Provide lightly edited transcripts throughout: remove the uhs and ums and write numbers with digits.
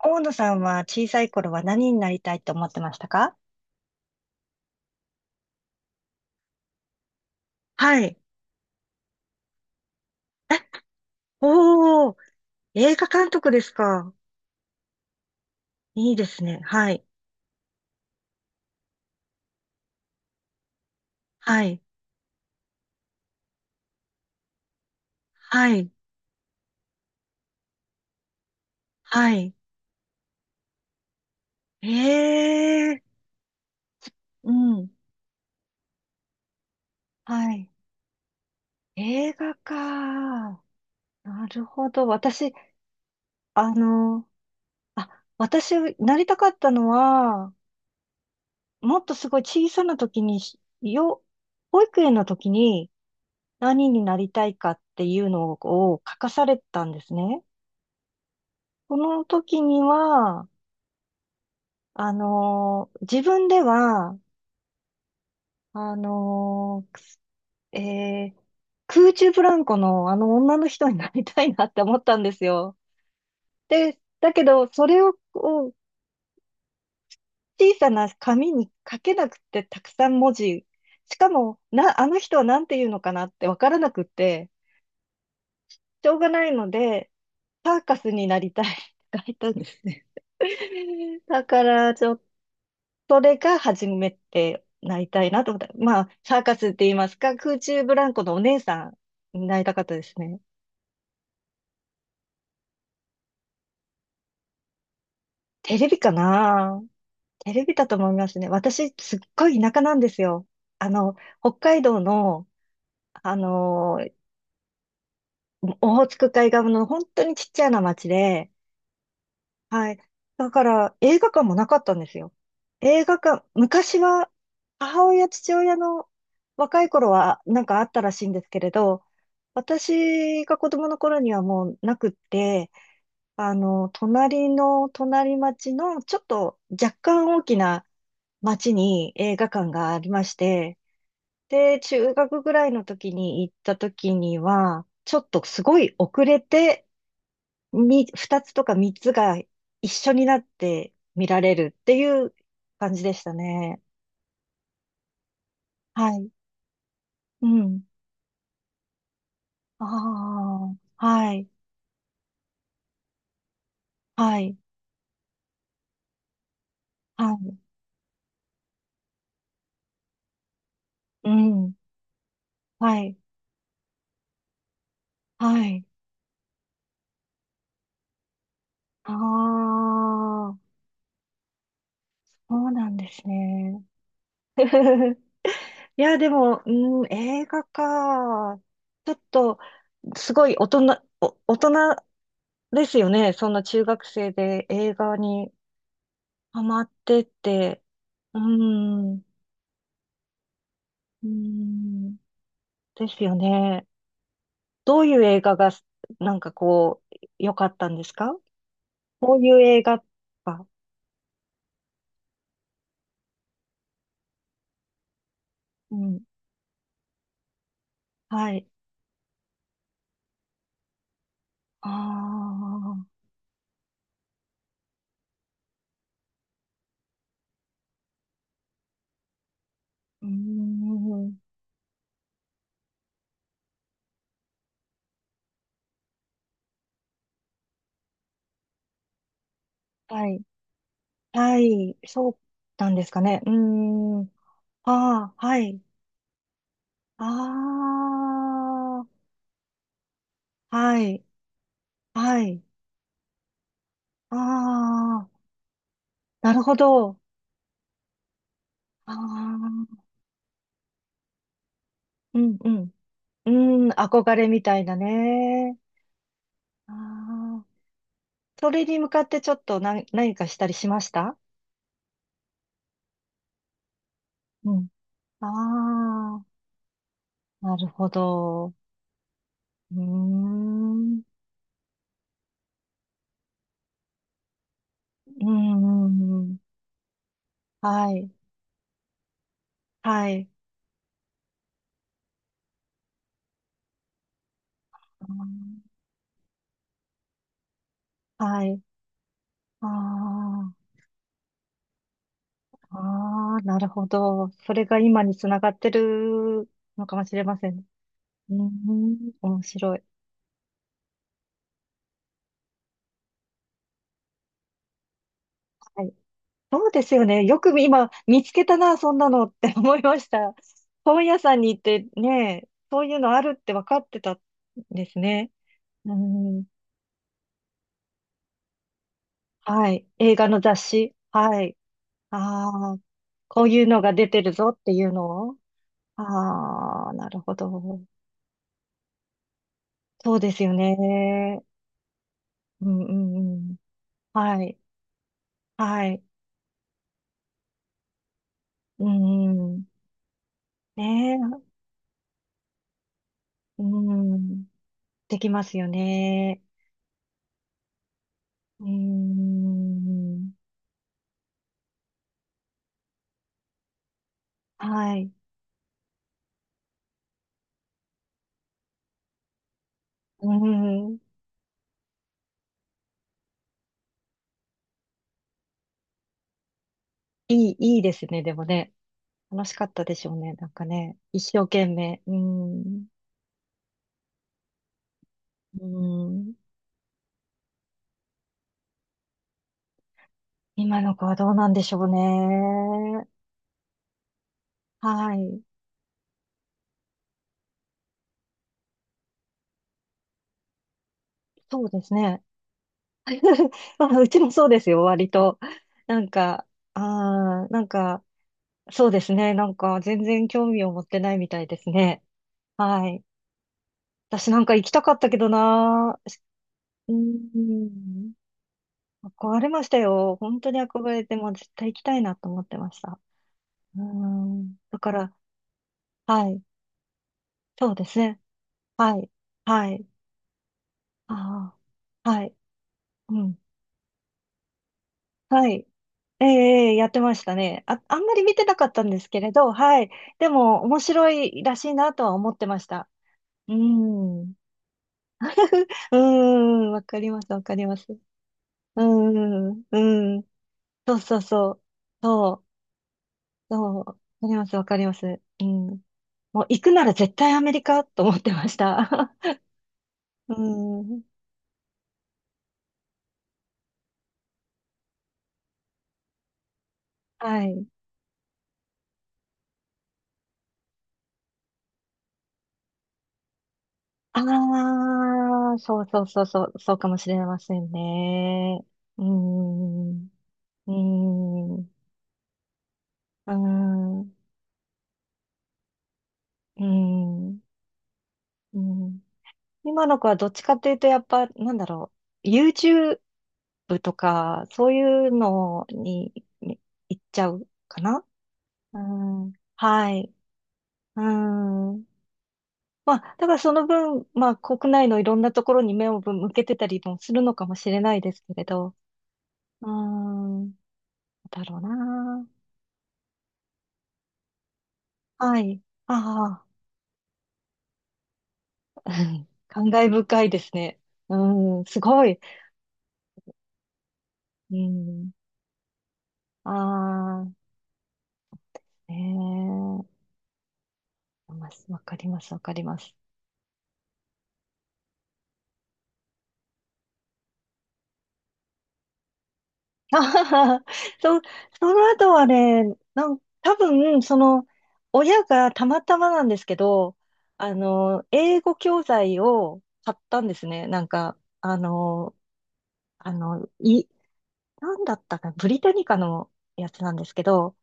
大野さんは小さい頃は何になりたいと思ってましたか？はい。おー、映画監督ですか。いいですね。はい。はい。はい。はい。ええー。うん。はい。映画か。なるほど。私、あの、あ、私、なりたかったのは、もっとすごい小さな時に保育園の時に何になりたいかっていうのを書かされたんですね。その時には、自分では、あのーくすえー空中ブランコのあの女の人になりたいなって思ったんですよ。で、だけど、それを、こう小さな紙に書けなくて、たくさん文字。しかも、あの人は何て言うのかなってわからなくって、しょうがないので、サーカスになりたいって書いたんですね。だから、ちょっそれが初めてなりたいなと思った。まあ、サーカスって言いますか、空中ブランコのお姉さんになりたかったですね。テレビかな？テレビだと思いますね。私、すっごい田舎なんですよ。北海道の、あのー、オホーツク海側の本当にちっちゃな町で、はい。だから、映画館もなかったんですよ。映画館、昔は、母親、父親の若い頃は、なんかあったらしいんですけれど、私が子供の頃にはもうなくって、隣の隣町の、ちょっと若干大きな町に映画館がありまして、で、中学ぐらいの時に行った時には、ちょっとすごい遅れて二つとか三つが一緒になって見られるっていう感じでしたね。はい。うん。ああ、はい、はい、はい、うん、はい、はい。ああ、そうなんですね。いや、でも、うん、映画か。ちょっと、すごいお大人ですよね。そんな中学生で映画にハマってって。うん。うーんですよね。どういう映画が、なんかこう、良かったんですか？こういう映画か。うん。はい。ああ、うーん。はい。はい。そうなんですかね。うーん。ああ、はい。ああ、はい。はい。ああ、なるほど。ああ、うん、うん。うん、憧れみたいなね。ああそれに向かってちょっと何かしたりしました？うん。ああ、なるほど。うーん。うんうんうん。はい。はい。あーはい。ああ、ああ、なるほど。それが今につながってるのかもしれません。うーん。面白い。はい。そうですよね。よく今見つけたな、そんなのって思いました。本屋さんに行ってね、そういうのあるって分かってたんですね。うん、はい。映画の雑誌はい。ああ、こういうのが出てるぞっていうのを。ああなるほど。そうですよね。うんうんうん。はい。はい。うんうん。ねえ。うん。できますよね。うん。はい。うん。いいですね。でもね。楽しかったでしょうね。なんかね。一生懸命。うん。うん。今の子はどうなんでしょうね。はい。そうですね。まあ、うちもそうですよ、割と。なんか、なんか、そうですね。なんか、全然興味を持ってないみたいですね。はい。私なんか行きたかったけどなー。うーん。憧れましたよ。本当に憧れて、もう絶対行きたいなと思ってました。うーん。だから、はい。そうですね。はい。はい。ああ。はい。うん。はい。ええ、ええやってましたね。あ、あんまり見てなかったんですけれど、はい。でも、面白いらしいなとは思ってました。うん。うーん、わかります、わかります。うーん、うん。そうそうそう。そう、そう。わかります、わかります。うん。もう、行くなら絶対アメリカと思ってました。うーん。はい。ああ、そうそうそうそう、そうかもしれませんね。うーん。うーん。うーん、うーん、うん。今の子はどっちかっていうと、やっぱ、なんだろう、YouTube とか、そういうのに行っちゃうかな？うん、はい。うん。まあ、だからその分、まあ、国内のいろんなところに目を向けてたりもするのかもしれないですけれど、うーん、だろうな。はい。ああ、感慨深いですね。うん、すごい。うん、ああ。ええまあわかります、わかります。あははそ、その後はね、多分、親がたまたまなんですけど、英語教材を買ったんですね。なんか、あの、い、なんだったかな、ブリタニカのやつなんですけど、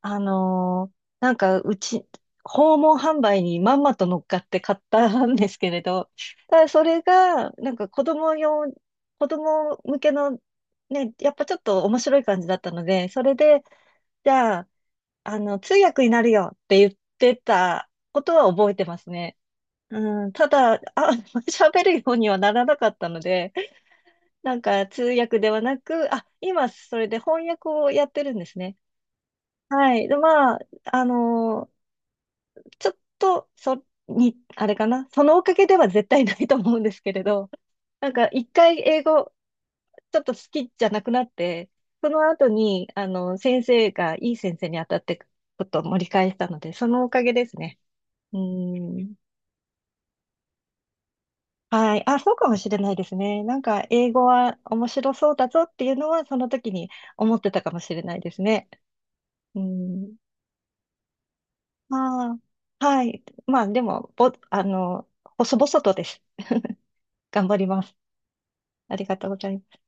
なんか、うち、訪問販売にまんまと乗っかって買ったんですけれど、ただそれが、なんか子供向けの、ね、やっぱちょっと面白い感じだったので、それで、じゃあ、通訳になるよって言ってたことは覚えてますね。うん、ただ、あ、喋るようにはならなかったので、なんか通訳ではなく、あ、今それで翻訳をやってるんですね。はい。で、まあ、あのーちょっと、あれかな。そのおかげでは絶対ないと思うんですけれど、なんか一回英語、ちょっと好きじゃなくなって、その後に、先生がいい先生に当たってことを盛り返したので、そのおかげですね。うん。はい。あ、そうかもしれないですね。なんか、英語は面白そうだぞっていうのは、その時に思ってたかもしれないですね。うん。まあ、はい。まあ、でも、ぼ、あの、細々とです。頑張ります。ありがとうございます。